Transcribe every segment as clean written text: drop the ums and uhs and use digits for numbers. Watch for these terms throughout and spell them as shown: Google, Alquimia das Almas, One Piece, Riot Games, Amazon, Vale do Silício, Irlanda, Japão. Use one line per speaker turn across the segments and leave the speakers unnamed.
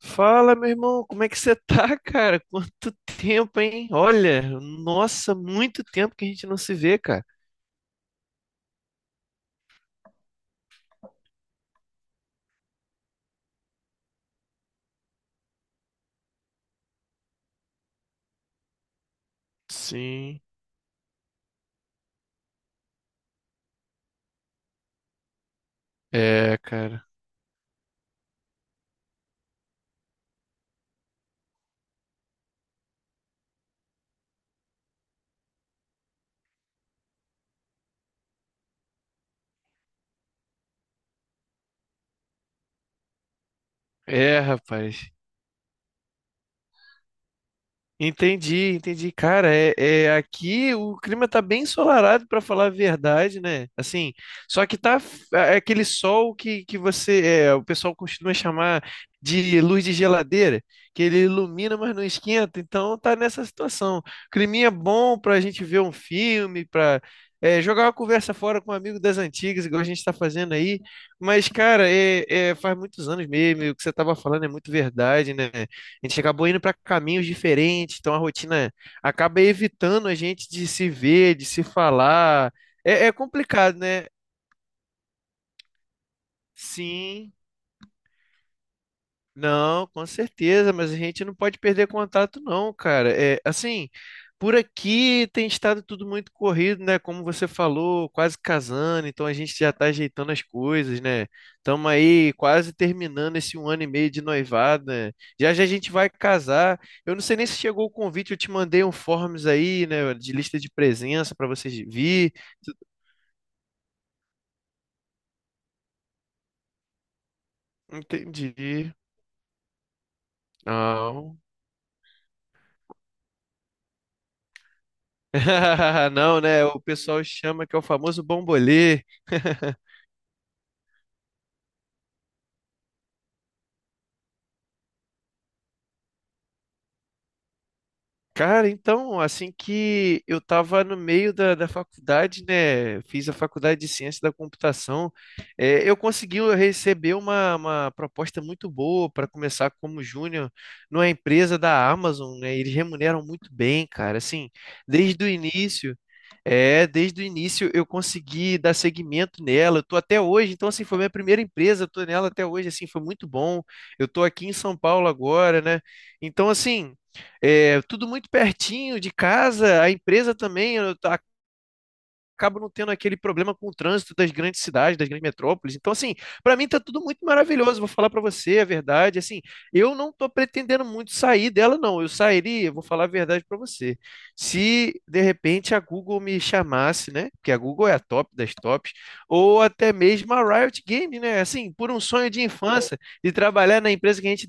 Fala, meu irmão, como é que você tá, cara? Quanto tempo, hein? Olha, nossa, muito tempo que a gente não se vê, cara. Sim, é, cara. É, rapaz. Entendi, entendi. Cara, aqui o clima tá bem ensolarado, pra falar a verdade, né? Assim, só que é aquele sol que você, o pessoal costuma chamar de luz de geladeira, que ele ilumina, mas não esquenta. Então tá nessa situação. Climinha bom pra gente ver um filme, pra jogar uma conversa fora com um amigo das antigas, igual a gente tá fazendo aí. Mas, cara, faz muitos anos mesmo, e o que você tava falando é muito verdade, né? A gente acabou indo para caminhos diferentes, então a rotina acaba evitando a gente de se ver, de se falar. É, é complicado, né? Sim. Não, com certeza, mas a gente não pode perder contato, não, cara. É assim, por aqui tem estado tudo muito corrido, né? Como você falou, quase casando, então a gente já está ajeitando as coisas, né? Estamos aí quase terminando esse um ano e meio de noivado, né? Já já a gente vai casar. Eu não sei nem se chegou o convite, eu te mandei um forms aí, né? De lista de presença para vocês vir. Entendi. Não. Não, né? O pessoal chama que é o famoso bombolê. Cara, então, assim que eu tava no meio da faculdade, né? Fiz a faculdade de ciência da computação, eu consegui receber uma proposta muito boa para começar como júnior numa empresa da Amazon, né? Eles remuneram muito bem, cara. Assim, desde o início, desde o início eu consegui dar seguimento nela. Eu tô até hoje, então, assim, foi minha primeira empresa, eu tô nela até hoje, assim, foi muito bom. Eu tô aqui em São Paulo agora, né? Então, assim. É, tudo muito pertinho de casa, a empresa também, acabo não tendo aquele problema com o trânsito das grandes cidades, das grandes metrópoles. Então, assim, para mim tá tudo muito maravilhoso, vou falar para você a verdade, assim, eu não tô pretendendo muito sair dela, não. Eu sairia, vou falar a verdade para você. Se de repente a Google me chamasse, né? Porque a Google é a top das tops, ou até mesmo a Riot Games, né? Assim, por um sonho de infância, de trabalhar na empresa que a gente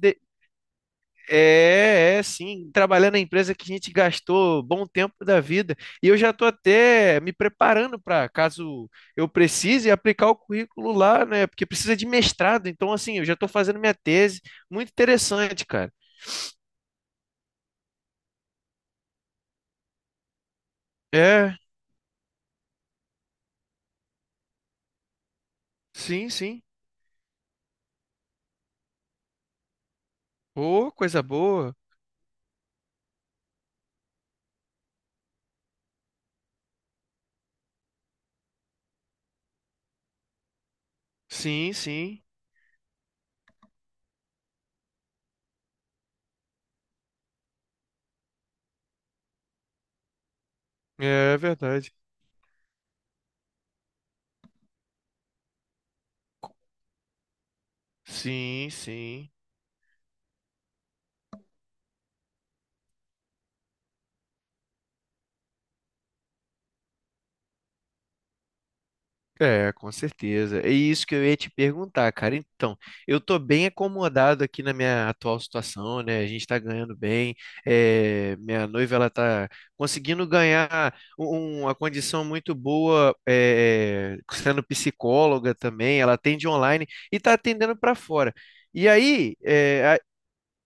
trabalhar na empresa que a gente gastou bom tempo da vida. E eu já estou até me preparando para, caso eu precise, aplicar o currículo lá, né? Porque precisa de mestrado. Então, assim, eu já estou fazendo minha tese. Muito interessante, cara. É, sim, sim. Ô, coisa boa. Sim, sim. É verdade. Sim, sim. É, com certeza. É isso que eu ia te perguntar, cara. Então, eu tô bem acomodado aqui na minha atual situação, né? A gente tá ganhando bem. É, minha noiva, ela tá conseguindo ganhar uma condição muito boa, é, sendo psicóloga também. Ela atende online e tá atendendo para fora. E aí, é,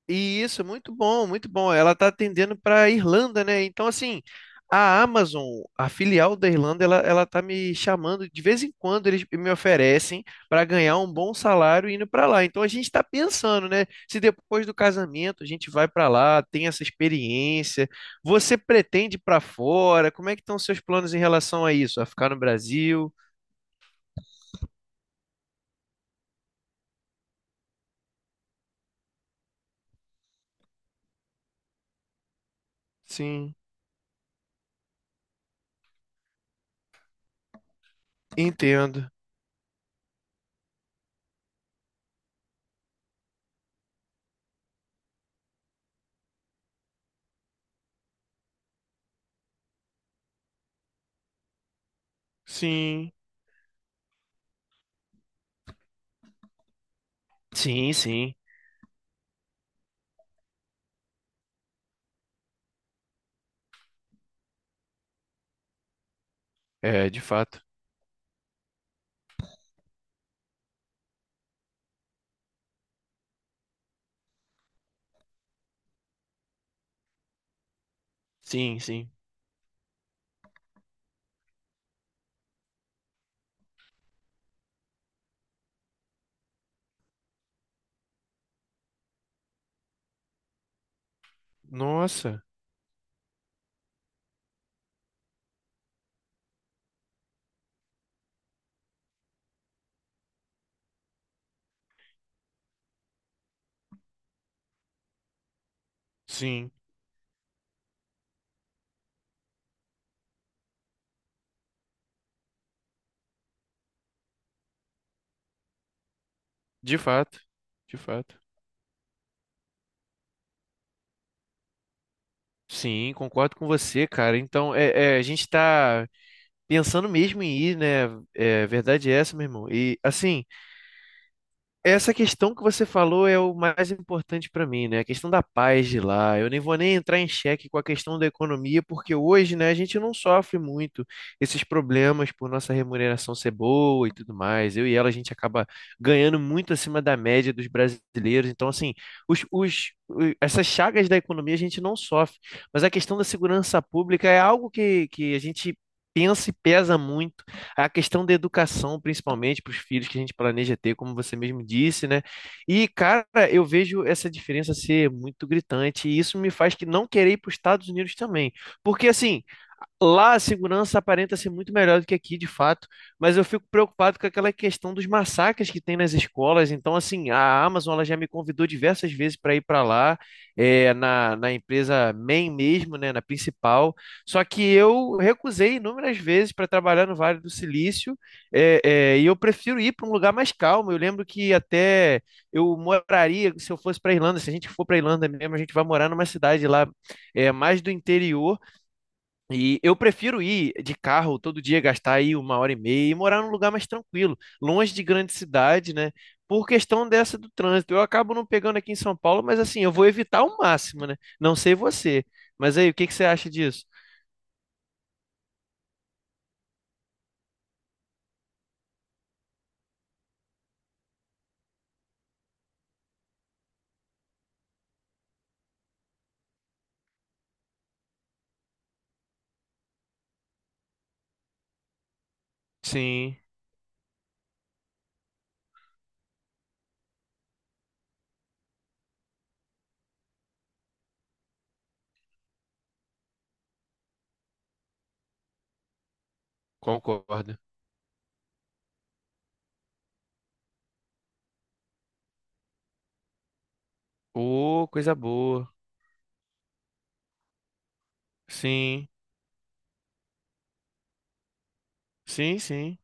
e isso, é muito bom, muito bom. Ela está atendendo para a Irlanda, né? Então, assim, a Amazon, a filial da Irlanda, ela tá me chamando de vez em quando, eles me oferecem para ganhar um bom salário indo para lá. Então, a gente está pensando, né? Se depois do casamento a gente vai para lá, tem essa experiência, você pretende ir para fora? Como é que estão seus planos em relação a isso? A ficar no Brasil? Sim, entendo. Sim, sim, sim. É, de fato. Sim, sim. Nossa. Sim, de fato, de fato. Sim, concordo com você, cara. Então, a gente tá pensando mesmo em ir, né? É, verdade é essa, meu irmão. E, assim, essa questão que você falou é o mais importante para mim, né? A questão da paz de lá. Eu nem vou nem entrar em xeque com a questão da economia, porque hoje, né, a gente não sofre muito esses problemas por nossa remuneração ser boa e tudo mais. Eu e ela, a gente acaba ganhando muito acima da média dos brasileiros. Então, assim, essas chagas da economia a gente não sofre. Mas a questão da segurança pública é algo que a gente pensa e pesa muito a questão da educação, principalmente para os filhos que a gente planeja ter, como você mesmo disse, né? E, cara, eu vejo essa diferença ser muito gritante, e isso me faz que não querer ir para os Estados Unidos também. Porque, assim, lá a segurança aparenta ser muito melhor do que aqui, de fato, mas eu fico preocupado com aquela questão dos massacres que tem nas escolas. Então, assim, a Amazon ela já me convidou diversas vezes para ir para lá, na empresa main mesmo, né, na principal. Só que eu recusei inúmeras vezes para trabalhar no Vale do Silício, e eu prefiro ir para um lugar mais calmo. Eu lembro que até eu moraria, se eu fosse para Irlanda, se a gente for para Irlanda mesmo, a gente vai morar numa cidade lá, mais do interior e eu prefiro ir de carro todo dia, gastar aí uma hora e meia e morar num lugar mais tranquilo, longe de grande cidade, né? Por questão dessa do trânsito. Eu acabo não pegando aqui em São Paulo, mas assim, eu vou evitar ao máximo, né? Não sei você. Mas aí, o que que você acha disso? Sim, concordo. Ô, coisa boa. Sim, sim, sim.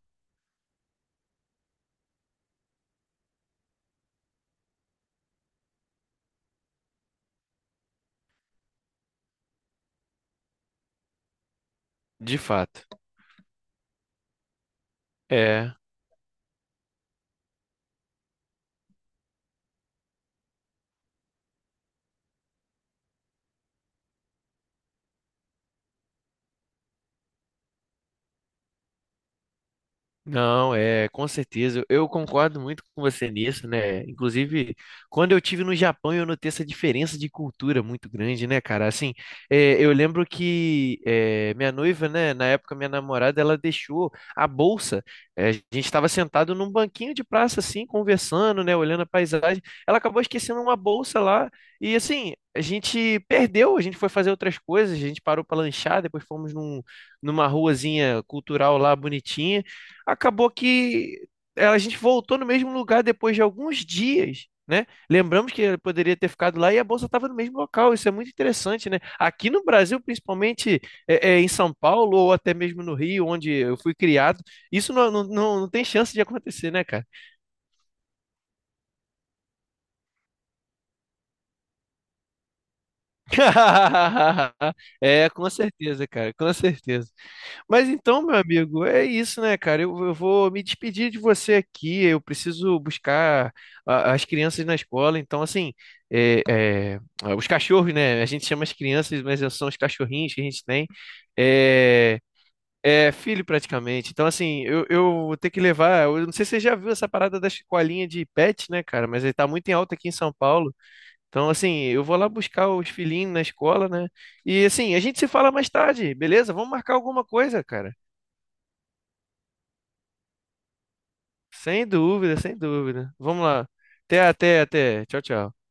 De fato. É. Não, é, com certeza. Eu concordo muito com você nisso, né? Inclusive, quando eu tive no Japão, eu notei essa diferença de cultura muito grande, né, cara? Assim, é, eu lembro que é, minha noiva, né, na época minha namorada, ela deixou a bolsa. É, a gente estava sentado num banquinho de praça, assim, conversando, né, olhando a paisagem. Ela acabou esquecendo uma bolsa lá e, assim, a gente perdeu. A gente foi fazer outras coisas, a gente parou para lanchar, depois fomos numa ruazinha cultural lá bonitinha. Acabou que a gente voltou no mesmo lugar depois de alguns dias, né? Lembramos que ele poderia ter ficado lá e a bolsa estava no mesmo local. Isso é muito interessante, né? Aqui no Brasil, principalmente em São Paulo ou até mesmo no Rio, onde eu fui criado, isso não, não, não, não tem chance de acontecer, né, cara? É, com certeza, cara, com certeza. Mas então, meu amigo, é isso, né, cara? Eu vou me despedir de você aqui. Eu preciso buscar as crianças na escola. Então, assim, é, é, ah, os cachorros, né? A gente chama as crianças, mas são os cachorrinhos que a gente tem. É, é filho praticamente. Então, assim, eu vou ter que levar. Eu não sei se você já viu essa parada da escolinha de pet, né, cara? Mas ele tá muito em alta aqui em São Paulo. Então, assim, eu vou lá buscar os filhinhos na escola, né? E assim, a gente se fala mais tarde, beleza? Vamos marcar alguma coisa, cara. Sem dúvida, sem dúvida. Vamos lá. Até, até, até. Tchau, tchau.